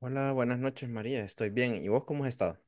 Hola, buenas noches María, estoy bien. ¿Y vos cómo has estado?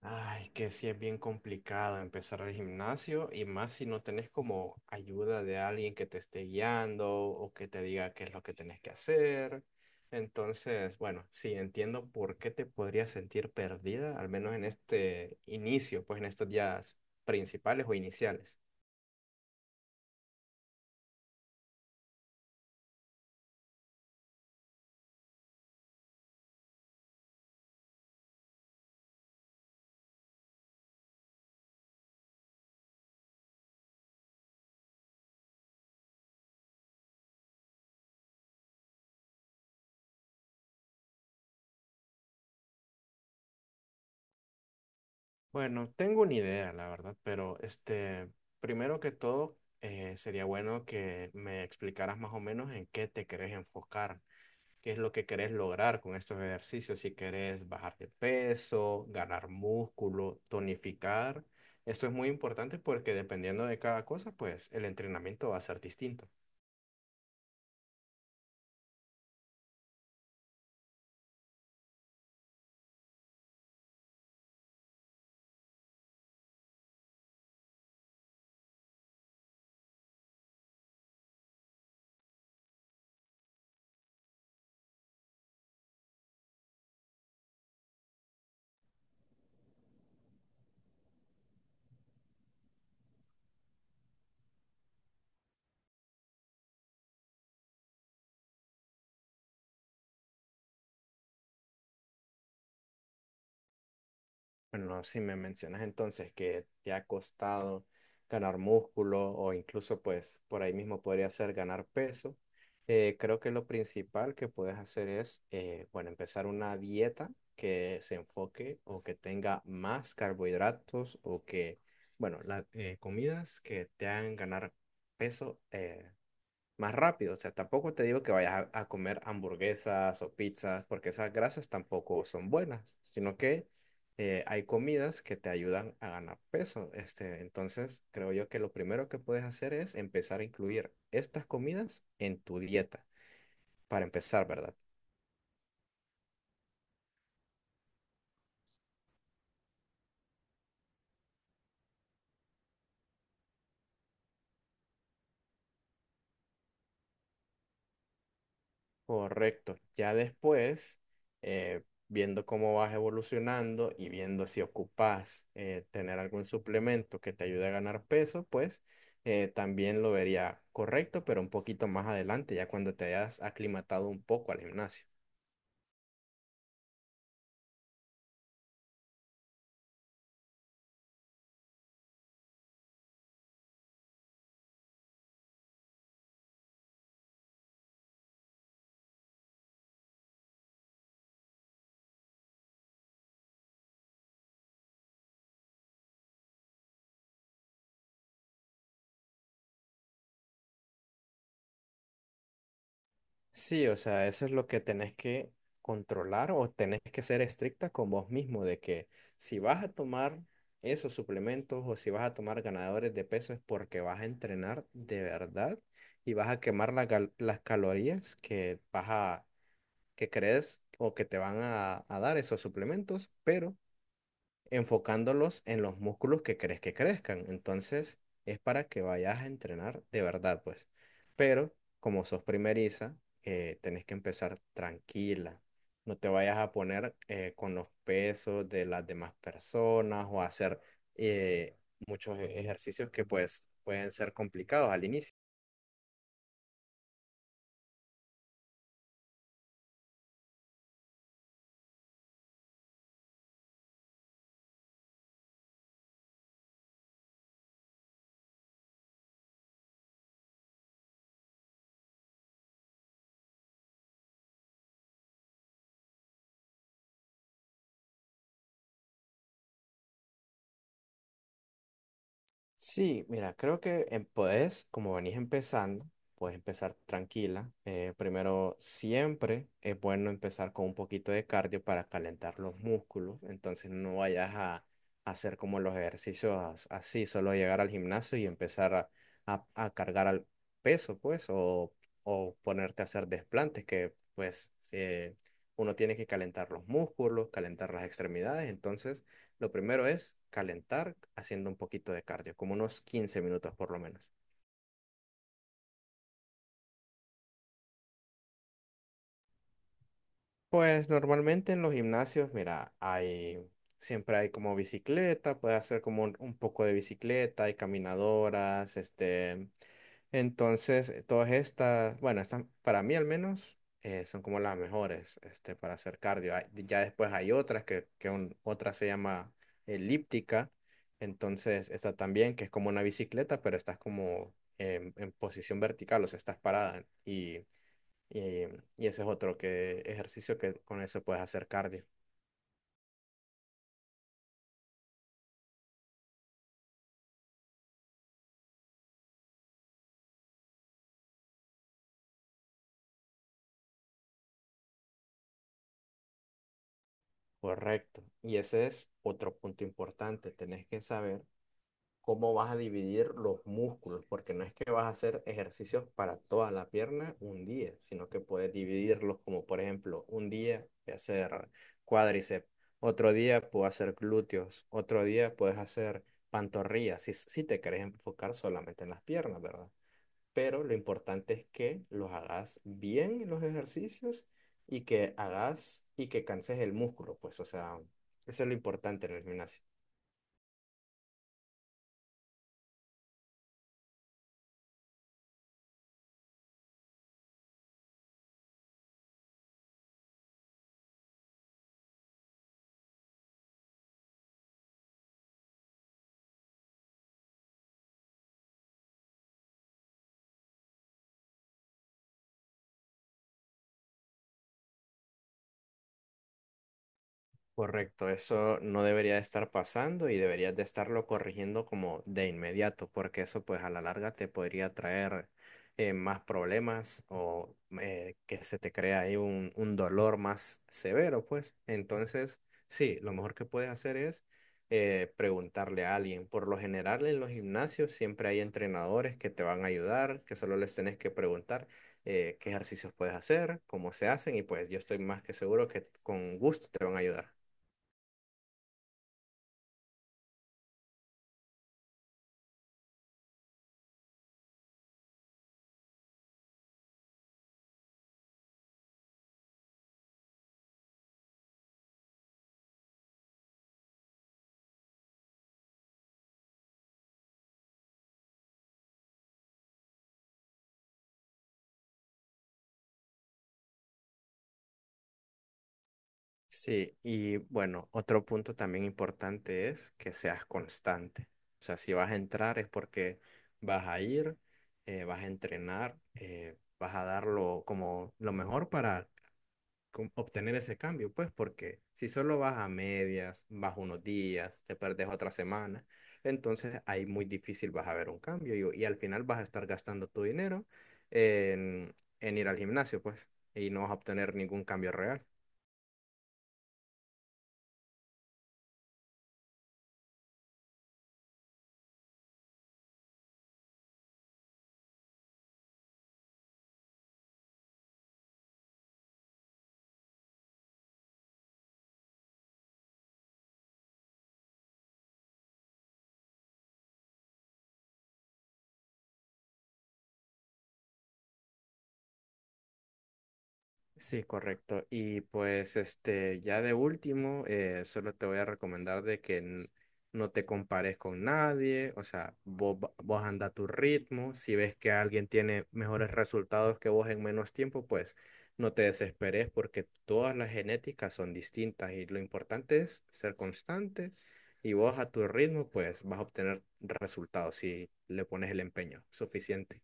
Ay, que sí es bien complicado empezar el gimnasio y más si no tenés como ayuda de alguien que te esté guiando o que te diga qué es lo que tenés que hacer. Entonces, bueno, sí, entiendo por qué te podrías sentir perdida, al menos en este inicio, pues en estos días principales o iniciales. Bueno, tengo una idea, la verdad, pero este, primero que todo, sería bueno que me explicaras más o menos en qué te querés enfocar, qué es lo que querés lograr con estos ejercicios, si querés bajar de peso, ganar músculo, tonificar. Esto es muy importante porque dependiendo de cada cosa, pues el entrenamiento va a ser distinto. Bueno, si me mencionas entonces que te ha costado ganar músculo o incluso pues por ahí mismo podría ser ganar peso, creo que lo principal que puedes hacer es, bueno, empezar una dieta que se enfoque o que tenga más carbohidratos o que, bueno, las comidas que te hagan ganar peso más rápido. O sea, tampoco te digo que vayas a comer hamburguesas o pizzas, porque esas grasas tampoco son buenas, sino que hay comidas que te ayudan a ganar peso. Este, entonces, creo yo que lo primero que puedes hacer es empezar a incluir estas comidas en tu dieta, para empezar, ¿verdad? Correcto. Ya después, viendo cómo vas evolucionando y viendo si ocupas tener algún suplemento que te ayude a ganar peso, pues también lo vería correcto, pero un poquito más adelante, ya cuando te hayas aclimatado un poco al gimnasio. Sí, o sea, eso es lo que tenés que controlar o tenés que ser estricta con vos mismo, de que si vas a tomar esos suplementos o si vas a tomar ganadores de peso es porque vas a entrenar de verdad y vas a quemar la las calorías que vas que crees o que te van a dar esos suplementos, pero enfocándolos en los músculos que crees que crezcan. Entonces, es para que vayas a entrenar de verdad, pues. Pero como sos primeriza, tenés que empezar tranquila. No te vayas a poner con los pesos de las demás personas o a hacer eh, ejercicios que pues pueden ser complicados al inicio. Sí, mira, creo que puedes, como venís empezando, puedes empezar tranquila. Primero, siempre es bueno empezar con un poquito de cardio para calentar los músculos. Entonces, no vayas a hacer como los ejercicios así, solo llegar al gimnasio y empezar a cargar al peso, pues, o ponerte a hacer desplantes, que pues uno tiene que calentar los músculos, calentar las extremidades. Entonces, lo primero es calentar haciendo un poquito de cardio, como unos 15 minutos por lo menos. Pues normalmente en los gimnasios, mira, hay, siempre hay como bicicleta, puedes hacer como un poco de bicicleta, hay caminadoras, este, entonces todas estas, bueno, estas para mí al menos son como las mejores, este, para hacer cardio. Hay, ya después hay otras otra se llama elíptica, entonces esta también que es como una bicicleta, pero estás como en posición vertical, o sea, estás parada y, y ese es otro que, ejercicio que con eso puedes hacer cardio. Correcto. Y ese es otro punto importante. Tenés que saber cómo vas a dividir los músculos, porque no es que vas a hacer ejercicios para toda la pierna un día, sino que puedes dividirlos como, por ejemplo, un día voy a hacer cuádriceps, otro día puedo hacer glúteos, otro día puedes hacer pantorrillas, si te querés enfocar solamente en las piernas, ¿verdad? Pero lo importante es que los hagas bien los ejercicios y que hagas y que canses el músculo, pues, o sea, eso es lo importante en el gimnasio. Correcto, eso no debería de estar pasando y deberías de estarlo corrigiendo como de inmediato, porque eso pues a la larga te podría traer más problemas o que se te crea ahí un dolor más severo, pues. Entonces, sí, lo mejor que puedes hacer es preguntarle a alguien. Por lo general en los gimnasios siempre hay entrenadores que te van a ayudar, que solo les tenés que preguntar qué ejercicios puedes hacer, cómo se hacen y pues yo estoy más que seguro que con gusto te van a ayudar. Sí, y bueno, otro punto también importante es que seas constante. O sea, si vas a entrar es porque vas a ir, vas a entrenar, vas a dar lo, como lo mejor para obtener ese cambio, pues porque si solo vas a medias, vas unos días, te perdes otra semana, entonces ahí muy difícil vas a ver un cambio y al final vas a estar gastando tu dinero en, en ir al gimnasio, pues, y no vas a obtener ningún cambio real. Sí, correcto. Y pues este, ya de último, solo te voy a recomendar de que no te compares con nadie, o sea, vos, vos anda a tu ritmo, si ves que alguien tiene mejores resultados que vos en menos tiempo, pues no te desesperes porque todas las genéticas son distintas y lo importante es ser constante y vos a tu ritmo, pues vas a obtener resultados si le pones el empeño suficiente.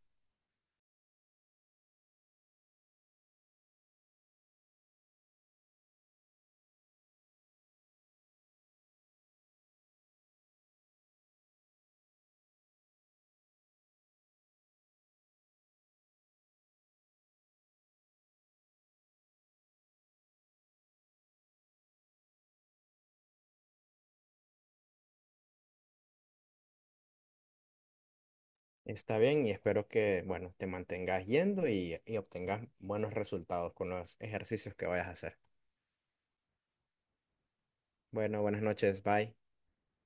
Está bien y espero que, bueno, te mantengas yendo y obtengas buenos resultados con los ejercicios que vayas a hacer. Bueno, buenas noches, bye.